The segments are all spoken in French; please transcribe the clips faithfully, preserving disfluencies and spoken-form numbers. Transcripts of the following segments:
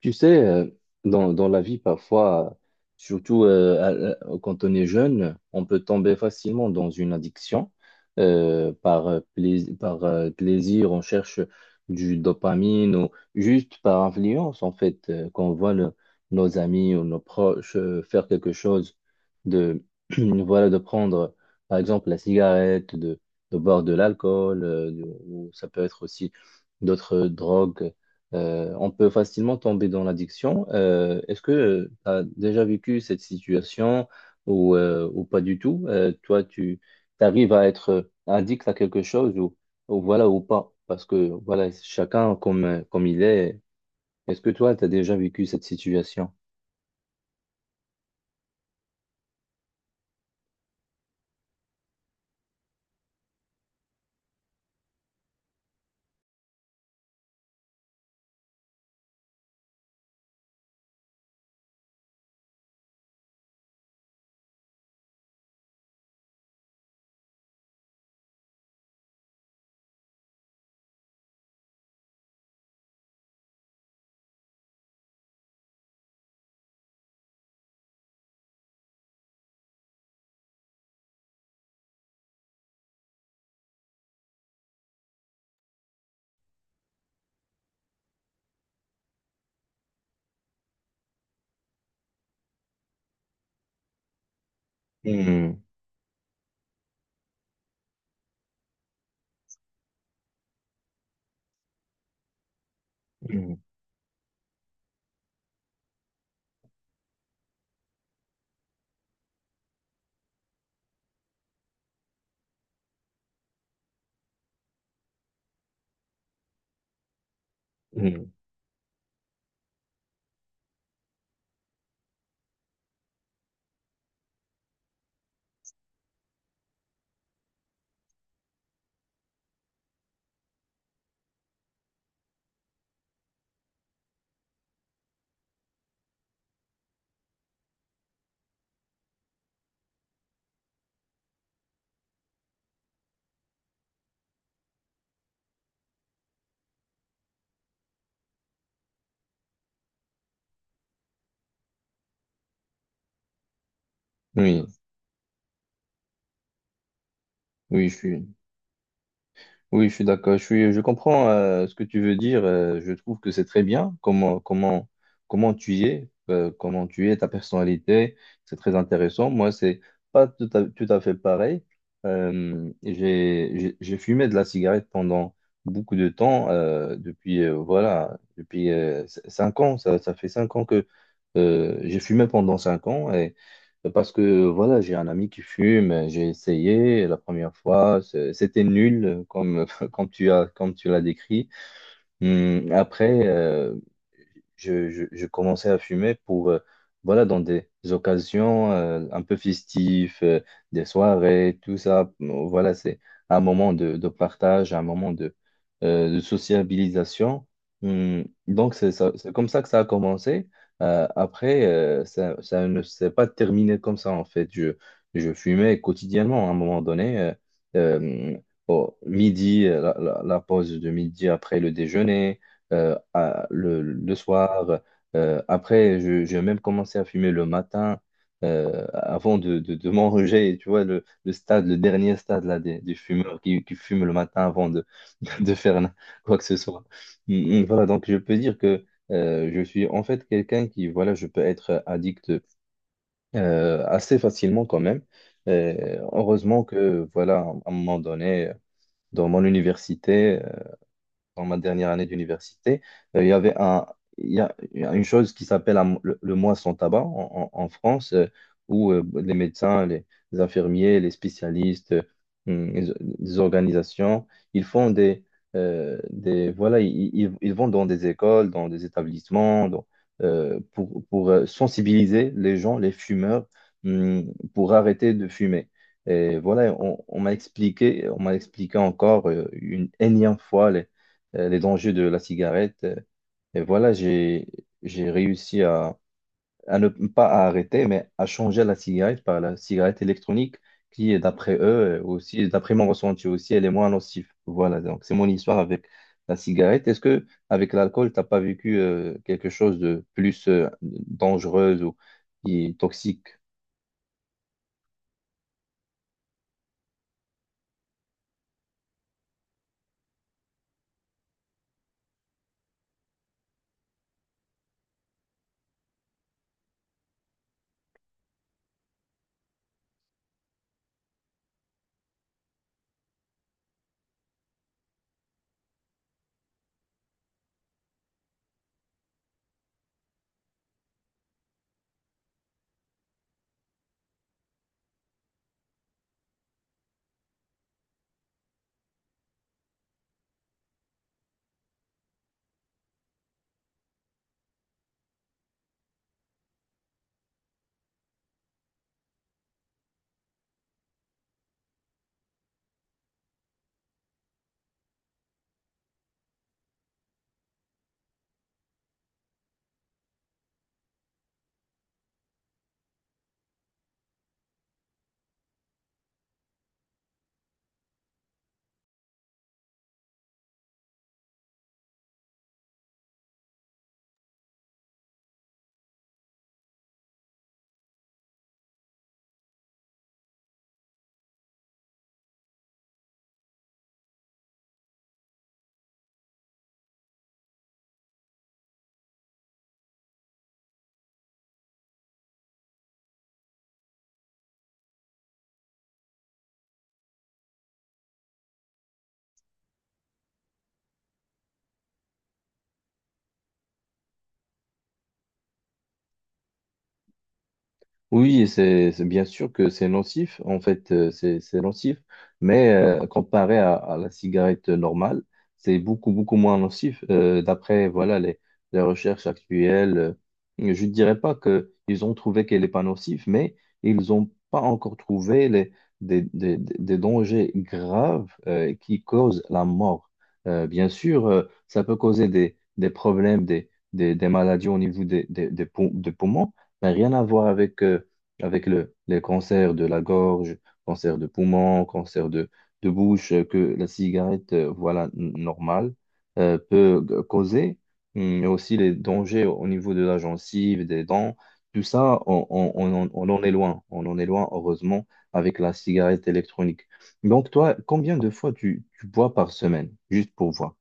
Tu sais, euh, dans, dans la vie, parfois, surtout euh, à- à- quand on est jeune, on peut tomber facilement dans une addiction. Euh, par euh, plais- par euh, plaisir, on cherche du dopamine ou juste par influence, en fait, euh, quand on voit le- nos amis ou nos proches euh, faire quelque chose de, voilà, de prendre, par exemple, la cigarette, de, de boire de l'alcool, euh, de- ou ça peut être aussi d'autres drogues euh, on peut facilement tomber dans l'addiction. Euh, est-ce que tu as déjà vécu cette situation ou, euh, ou pas du tout? Euh, toi, tu arrives à être addict à quelque chose ou, ou voilà ou pas? Parce que voilà, chacun comme, comme il est. Est-ce que toi, tu as déjà vécu cette situation? Hmm, hmm, hmm. Oui, oui, je suis, oui, je suis d'accord. Je suis, je comprends euh, ce que tu veux dire. Euh, je trouve que c'est très bien comment, comment, comment tu es, euh, comment tu es, ta personnalité. C'est très intéressant. Moi, c'est pas tout à, tout à fait pareil. Euh, j'ai, j'ai j'ai fumé de la cigarette pendant beaucoup de temps, euh, depuis, euh, voilà, depuis euh, c- cinq ans. Ça, ça fait cinq ans que euh, j'ai fumé pendant cinq ans parce que voilà, j'ai un ami qui fume, j'ai essayé la première fois, c'est- c'était nul comme, comme tu as, comme tu l'as décrit. Hum. Après, euh, je, je- je commençais à fumer pour, euh, voilà, dans des occasions euh, un peu festives, euh, des soirées, tout ça. Voilà, c'est un moment de, de partage, un moment de, euh, de sociabilisation. Hum, donc, c'est ça- c'est comme ça que ça a commencé. Euh, après, euh, ça, ça ne s'est pas terminé comme ça, en fait. Je, je fumais quotidiennement à un moment donné. euh, euh, Au midi, euh, la, la- la pause de midi après le déjeuner, euh, à- le, le soir. Euh, après, je- j'ai même commencé à fumer le matin, euh, avant de, de, de manger. Tu vois, le, le stade, le dernier stade là, des, des fumeurs qui, qui fument le matin avant de, de faire na- quoi que ce soit. Mm, mm, Voilà, donc je peux dire que euh, je suis en fait quelqu'un qui, voilà, je peux être addict euh, assez facilement quand même. Euh, heureusement que, voilà, à un moment donné, dans mon université, dans ma dernière année d'université, euh, il y avait un, il y a, il y a une chose qui s'appelle un- le, le mois sans tabac en, en- en France, euh, où euh, les médecins, les, les infirmiers, les spécialistes, euh, hum, les, les organisations, ils font des, euh, des voilà, ils, ils, ils vont dans des écoles, dans des établissements, dans- euh, pour, pour euh, sensibiliser les gens, les fumeurs, hum, pour arrêter de fumer. Et voilà, on, on m'a expliqué, on m'a expliqué encore euh, une énième fois euh, les dangers de la cigarette. Et voilà, j'ai j'ai réussi à, à ne pas à arrêter, mais à changer la cigarette par la cigarette électronique qui, d'après eux, euh, aussi, d'après mon ressenti aussi, elle est moins nocive. Voilà, donc c'est mon histoire avec la cigarette. Est-ce que avec l'alcool, t'as pas vécu euh, quelque chose de plus euh, dangereux ou qui est toxique? Oui, c'est c'est bien sûr que c'est nocif, en fait, euh, c'est c'est nocif, mais euh, comparé à, à la cigarette normale, c'est beaucoup, beaucoup moins nocif. Euh, d'après, voilà, les, les recherches actuelles, euh, je ne dirais pas que ils ont trouvé qu'elle n'est pas nocive, mais ils n'ont pas encore trouvé les, des, des, des- des dangers graves euh, qui causent la mort. Euh, bien sûr, euh, ça peut causer des, des problèmes, des, des, des maladies au niveau des, des, des, pou- des poumons, mais rien à voir avec... euh, avec le, les cancers de la gorge, cancer de poumon, cancer de, de bouche, euh, que la cigarette, euh, voilà, n- normale, euh, peut g- causer. Hum, mais aussi les dangers au niveau de la gencive, des dents, tout ça, on, on, on, en on en est loin, on en est loin, heureusement, avec la cigarette électronique. Donc, toi, combien de fois tu, tu bois par semaine, juste pour voir?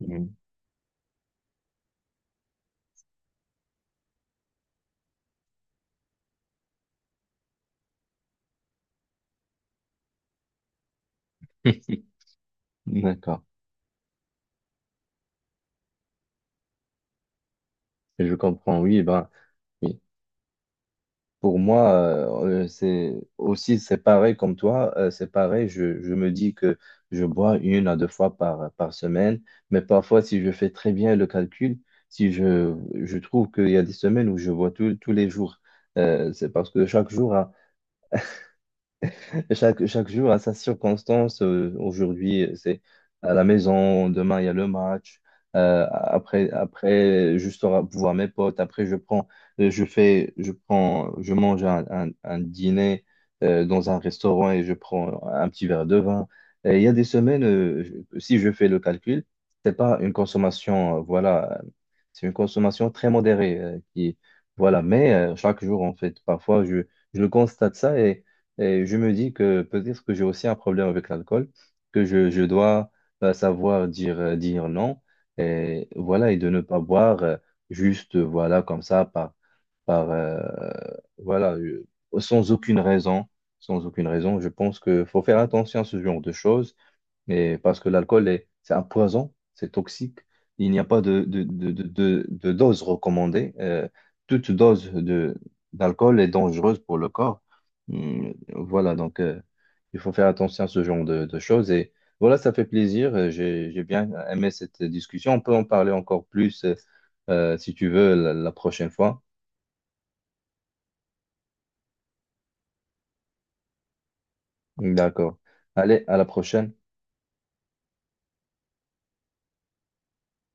Mhm. D'accord, je comprends. Oui, ben, pour moi, euh, euh, c'est aussi c'est pareil comme toi, euh, c'est pareil. Je, je me dis que je bois une à deux fois par, par semaine, mais parfois, si je fais très bien le calcul, si je, je trouve qu'il y a des semaines où je bois tout- tous les jours, euh, c'est parce que chaque jour a, et Chaque, chaque jour à sa circonstance. Euh, aujourd'hui, c'est à la maison. Demain, il y a le match. Euh, après, après, juste au voir mes potes. Après, je prends, euh, je fais, je prends, je mange un, un- un dîner euh, dans un restaurant et je prends un petit verre de vin. Et il y a des semaines, euh, je- si je fais le calcul, c'est pas une consommation, euh, voilà, euh, c'est une consommation très modérée, euh, qui, voilà. Mais euh, chaque jour, en fait, parfois, je, je constate ça et et je me dis que peut-être que j'ai aussi un problème avec l'alcool, que je, je dois euh, savoir dire, euh, dire non, et voilà, et de ne pas boire euh, juste, euh, voilà, comme ça, par, par euh, voilà, euh, sans aucune raison, sans aucune raison. Je pense qu'il faut faire attention à ce genre de choses mais parce que l'alcool est, c'est un poison, c'est toxique. Il n'y a pas de, de, de, de, de- de dose recommandée. Euh, toute dose de, d'alcool est dangereuse pour le corps. Hum, voilà, donc euh, il faut faire attention à ce genre de, de choses. Et voilà, ça fait plaisir. Euh, J'ai, j'ai bien aimé cette discussion. On peut en parler encore plus euh, euh, si tu veux la la prochaine fois. D'accord. Allez, à la prochaine.